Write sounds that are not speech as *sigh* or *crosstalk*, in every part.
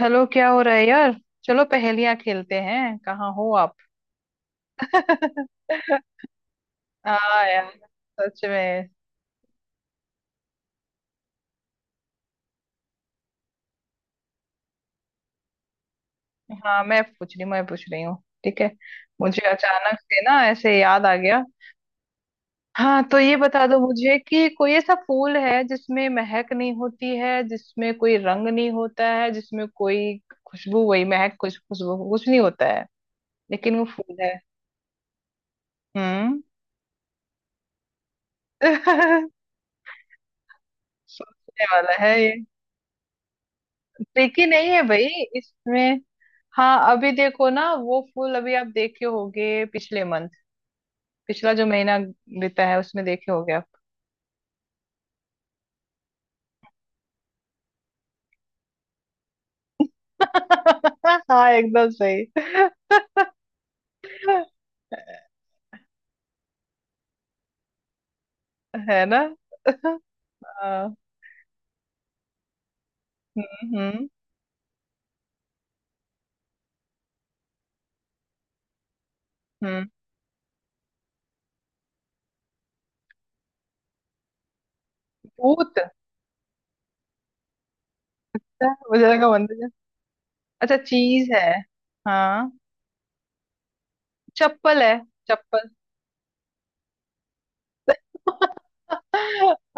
Hello क्या हो रहा है यार। चलो पहेलियां खेलते हैं। कहाँ हो आप? *laughs* हाँ यार। सच में। हाँ, मैं पूछ रही हूँ। ठीक है। मुझे अचानक से ना ऐसे याद आ गया। हाँ तो ये बता दो मुझे कि कोई ऐसा फूल है जिसमें महक नहीं होती है, जिसमें कोई रंग नहीं होता है, जिसमें कोई खुशबू, वही महक कुछ, खुशबू कुछ नहीं होता है, लेकिन वो फूल है। हम्म। *laughs* सोचने वाला है। ट्रिकी नहीं है भाई इसमें। हाँ अभी देखो ना, वो फूल अभी आप देखे होगे पिछले मंथ। पिछला जो महीना बीता है उसमें देखे होगे आप। *laughs* हाँ एकदम सही। *laughs* है ना। हाँ। हम्म हम्म। भूत। अच्छा, मुझे लगा मंदिर। अच्छा, चीज है। हाँ। चप्पल है। चप्पल।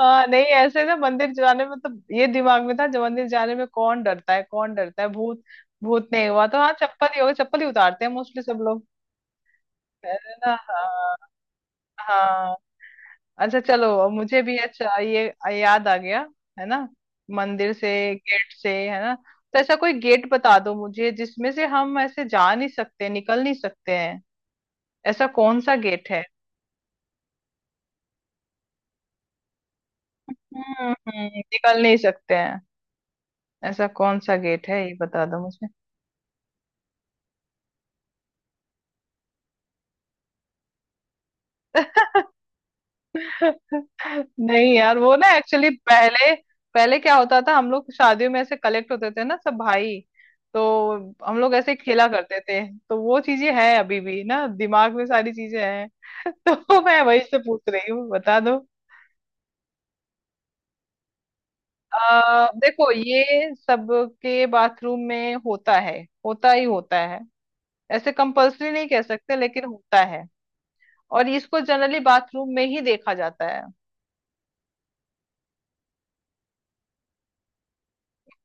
हाँ नहीं, ऐसे ना मंदिर जाने में तो ये दिमाग में था जो मंदिर जाने में कौन डरता है। कौन डरता है? भूत। भूत नहीं हुआ तो हाँ चप्पल ही होगा। चप्पल ही उतारते हैं मोस्टली सब लोग। है ना? हाँ हाँ। अच्छा चलो, मुझे भी अच्छा ये याद आ गया। है ना, मंदिर से, गेट से। है ना? तो ऐसा कोई गेट बता दो मुझे जिसमें से हम ऐसे जा नहीं सकते, निकल नहीं सकते हैं। ऐसा कौन सा गेट है? निकल नहीं सकते हैं। ऐसा कौन सा गेट है, ये बता दो मुझे। नहीं यार, वो ना एक्चुअली पहले पहले क्या होता था, हम लोग शादियों में ऐसे कलेक्ट होते थे ना सब भाई। तो हम लोग ऐसे खेला करते थे। तो वो चीजें हैं अभी भी ना, दिमाग में सारी चीजें हैं। *laughs* तो मैं वही से पूछ रही हूँ, बता दो। देखो ये सबके बाथरूम में होता है। होता ही होता है। ऐसे कंपल्सरी नहीं कह सकते लेकिन होता है। और इसको जनरली बाथरूम में ही देखा जाता है।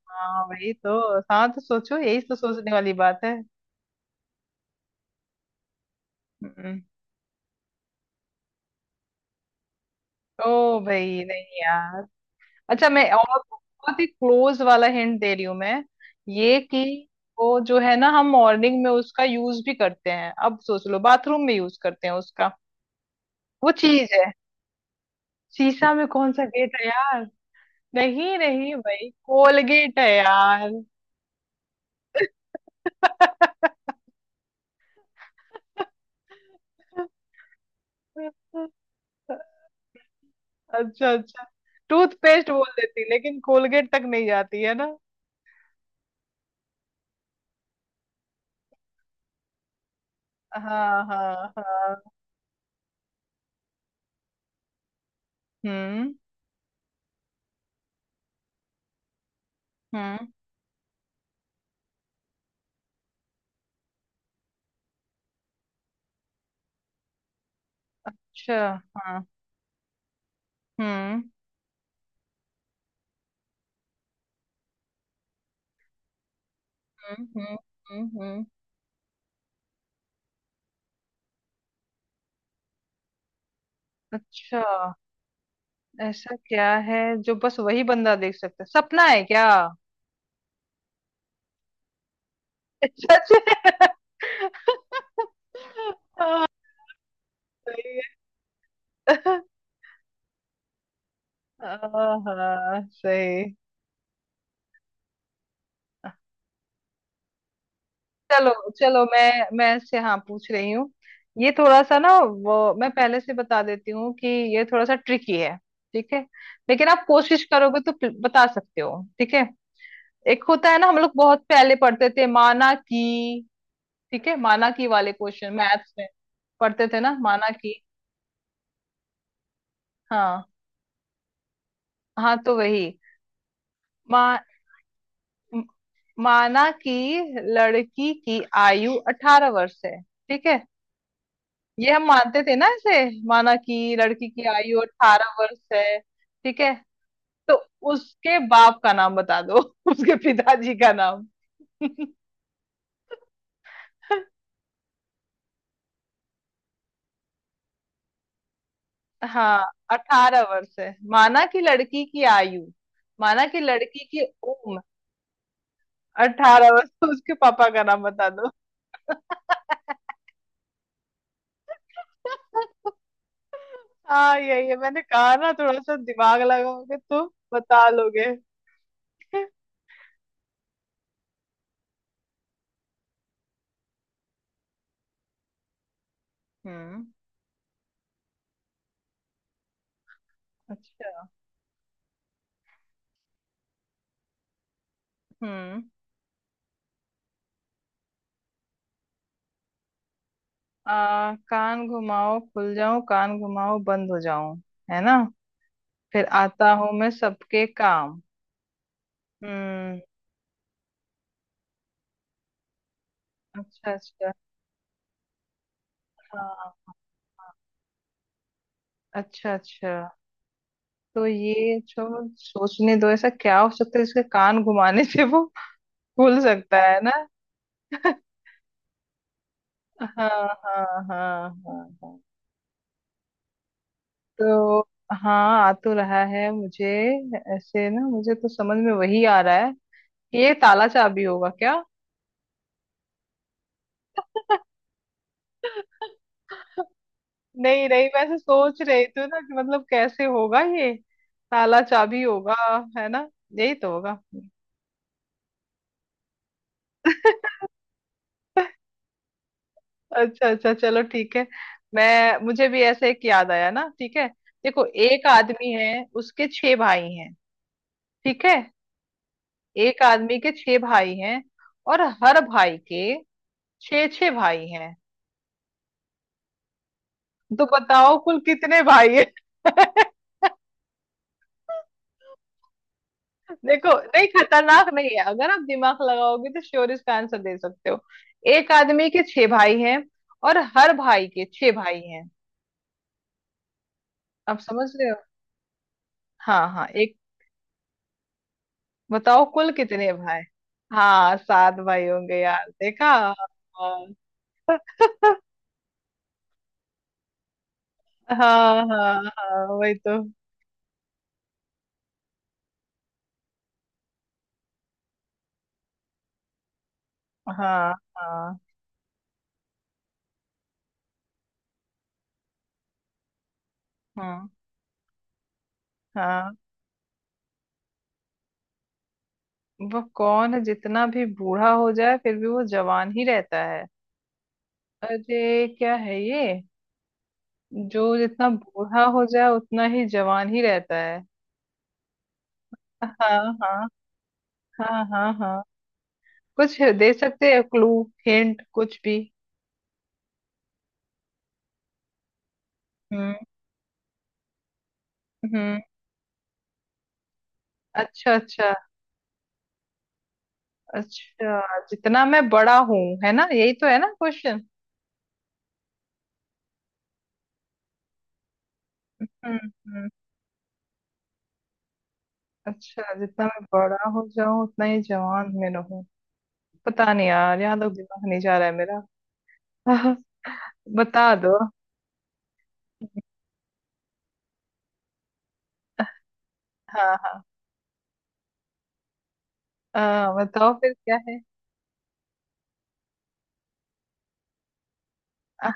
हाँ वही तो। हाँ तो सोचो, यही तो सोचने वाली बात है। हम्म। ओ भाई नहीं यार। अच्छा मैं और बहुत ही क्लोज वाला हिंट दे रही हूँ मैं। ये कि वो जो है ना, हम मॉर्निंग में उसका यूज भी करते हैं, अब सोच लो, बाथरूम में यूज करते हैं उसका। वो चीज है। शीशा में कौन सा गेट है यार। नहीं नहीं भाई, कोलगेट है यार। *laughs* अच्छा अच्छा। टूथपेस्ट बोल देती लेकिन कोलगेट तक नहीं जाती है ना। हाँ हाँ हाँ। हम्म हम्म। अच्छा। हाँ। हम्म हम्म। हम्म। अच्छा। ऐसा क्या है जो बस वही बंदा देख सकता है? सपना है क्या? *laughs* सच में? सही है। *laughs* हाँ सही। चलो। चलो मैं इससे हाँ पूछ रही हूँ। ये थोड़ा सा ना, वो मैं पहले से बता देती हूँ कि ये थोड़ा सा ट्रिकी है। ठीक है? लेकिन आप कोशिश करोगे तो बता सकते हो। ठीक है? एक होता है ना, हम लोग बहुत पहले पढ़ते थे, माना की। ठीक है? माना की वाले क्वेश्चन मैथ्स में पढ़ते थे ना, माना की। हाँ हाँ तो वही। मा, म- माना की लड़की की आयु अठारह वर्ष है, ठीक है? ये हम मानते थे ना इसे। माना की लड़की की आयु अठारह वर्ष है, ठीक है? तो उसके बाप का नाम बता दो। *laughs* उसके पिताजी का नाम। *laughs* हाँ अठारह वर्ष है, माना कि लड़की की आयु। माना कि लड़की की उम्र अठारह वर्ष, तो उसके पापा का नाम बता दो। हाँ यही है, मैंने कहा ना थोड़ा सा दिमाग लगाओगे तो बता लोगे। हम्म। अच्छा। हम्म। कान घुमाओ खुल जाऊं, कान घुमाओ बंद हो जाऊं। है ना? फिर आता हूं मैं सबके काम। हम्म। अच्छा अच्छा। हाँ हाँ, अच्छा अच्छा। तो ये जो, सोचने दो ऐसा क्या हो सकता है जिसके कान घुमाने से वो भूल सकता है ना। हाँ हाँ हाँ हाँ हाँ। तो हाँ, आ तो रहा है मुझे। ऐसे ना मुझे तो समझ में वही आ रहा है कि ये ताला चाबी होगा क्या। नहीं नहीं, मैं ऐसे सोच रही थी ना कि मतलब कैसे होगा ये, ताला चाबी होगा। है ना? यही तो होगा। अच्छा अच्छा चलो ठीक है। मैं, मुझे भी ऐसे एक याद आया ना, ठीक है? देखो एक आदमी है, उसके छह भाई हैं। ठीक है? एक आदमी के छह भाई हैं, और हर भाई के छह छह भाई हैं। तो बताओ कुल कितने भाई हैं? *laughs* देखो नहीं, खतरनाक नहीं है। अगर आप दिमाग लगाओगे तो श्योर इसका आंसर दे सकते हो। एक आदमी के छह भाई हैं, और हर भाई के छह भाई हैं। आप समझ रहे हो? हाँ हाँ एक। बताओ कुल कितने भाई? हाँ सात भाई होंगे यार, देखा। हाँ हाँ हाँ हाँ, वही तो। हाँ हाँ हाँ। हाँ वो कौन है जितना भी बूढ़ा हो जाए फिर भी वो जवान ही रहता है? अरे क्या है ये, जो जितना बूढ़ा हो जाए उतना ही जवान ही रहता है? हाँ हाँ हाँ हाँ हाँ, कुछ दे सकते हैं क्लू? हिंट कुछ भी। हम्म हम्म। अच्छा अच्छा। अच्छा जितना मैं बड़ा हूँ, है ना, यही तो है ना क्वेश्चन। हम्म हम्म, अच्छा जितना मैं बड़ा हो जाऊं उतना ही जवान में रहूं। पता नहीं यार, यहाँ तक दिमाग नहीं जा रहा है मेरा। *laughs* बता दो। हाँ हाँ। बताओ फिर क्या है।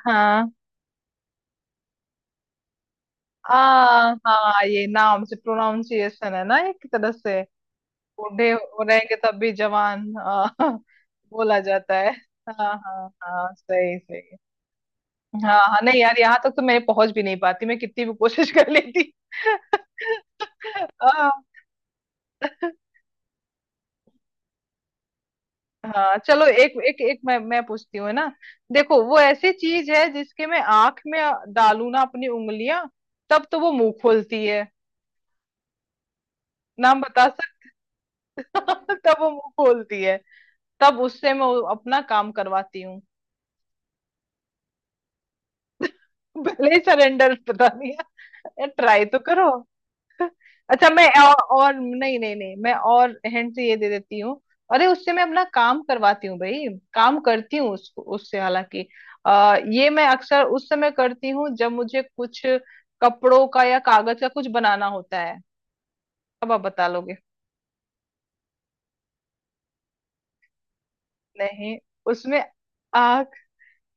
हाँ। हाँ ये नाम से प्रोनाउंसिएशन है ना एक तरह से। बूढ़े हो रहेंगे तब भी जवान *laughs* बोला जाता है। हाँ हाँ हाँ सही सही। हाँ हाँ नहीं यार, यहाँ तक तो मैं पहुंच भी नहीं पाती, मैं कितनी भी कोशिश कर लेती। *laughs* हाँ हाँ चलो। एक एक एक, मैं पूछती हूँ, है ना? देखो वो ऐसी चीज है जिसके मैं आंख में डालू ना अपनी उंगलियां तब तो वो मुंह खोलती है। नाम बता सकते? *laughs* तब वो मुंह खोलती है। तब उससे मैं अपना काम करवाती हूँ। *laughs* पहले ही सरेंडर बता दिया, ट्राई तो करो। अच्छा मैं और, नहीं नहीं नहीं, मैं और हैंड से ये दे देती हूँ। अरे उससे मैं अपना काम करवाती हूँ भाई। काम करती हूँ उससे हालांकि। ये मैं अक्सर उस समय करती हूँ जब मुझे कुछ कपड़ों का या कागज का कुछ बनाना होता है। अब आप बता लोगे? नहीं उसमें आ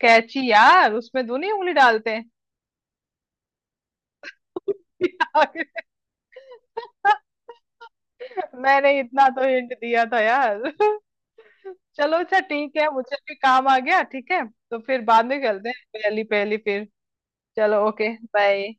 कैची यार, उसमें दो नहीं उंगली डालते हैं। *laughs* *laughs* मैंने इतना तो हिंट दिया था यार। *laughs* चलो अच्छा ठीक है, मुझे भी काम आ गया। ठीक है, तो फिर बाद में करते हैं पहली पहली फिर। चलो ओके। बाय।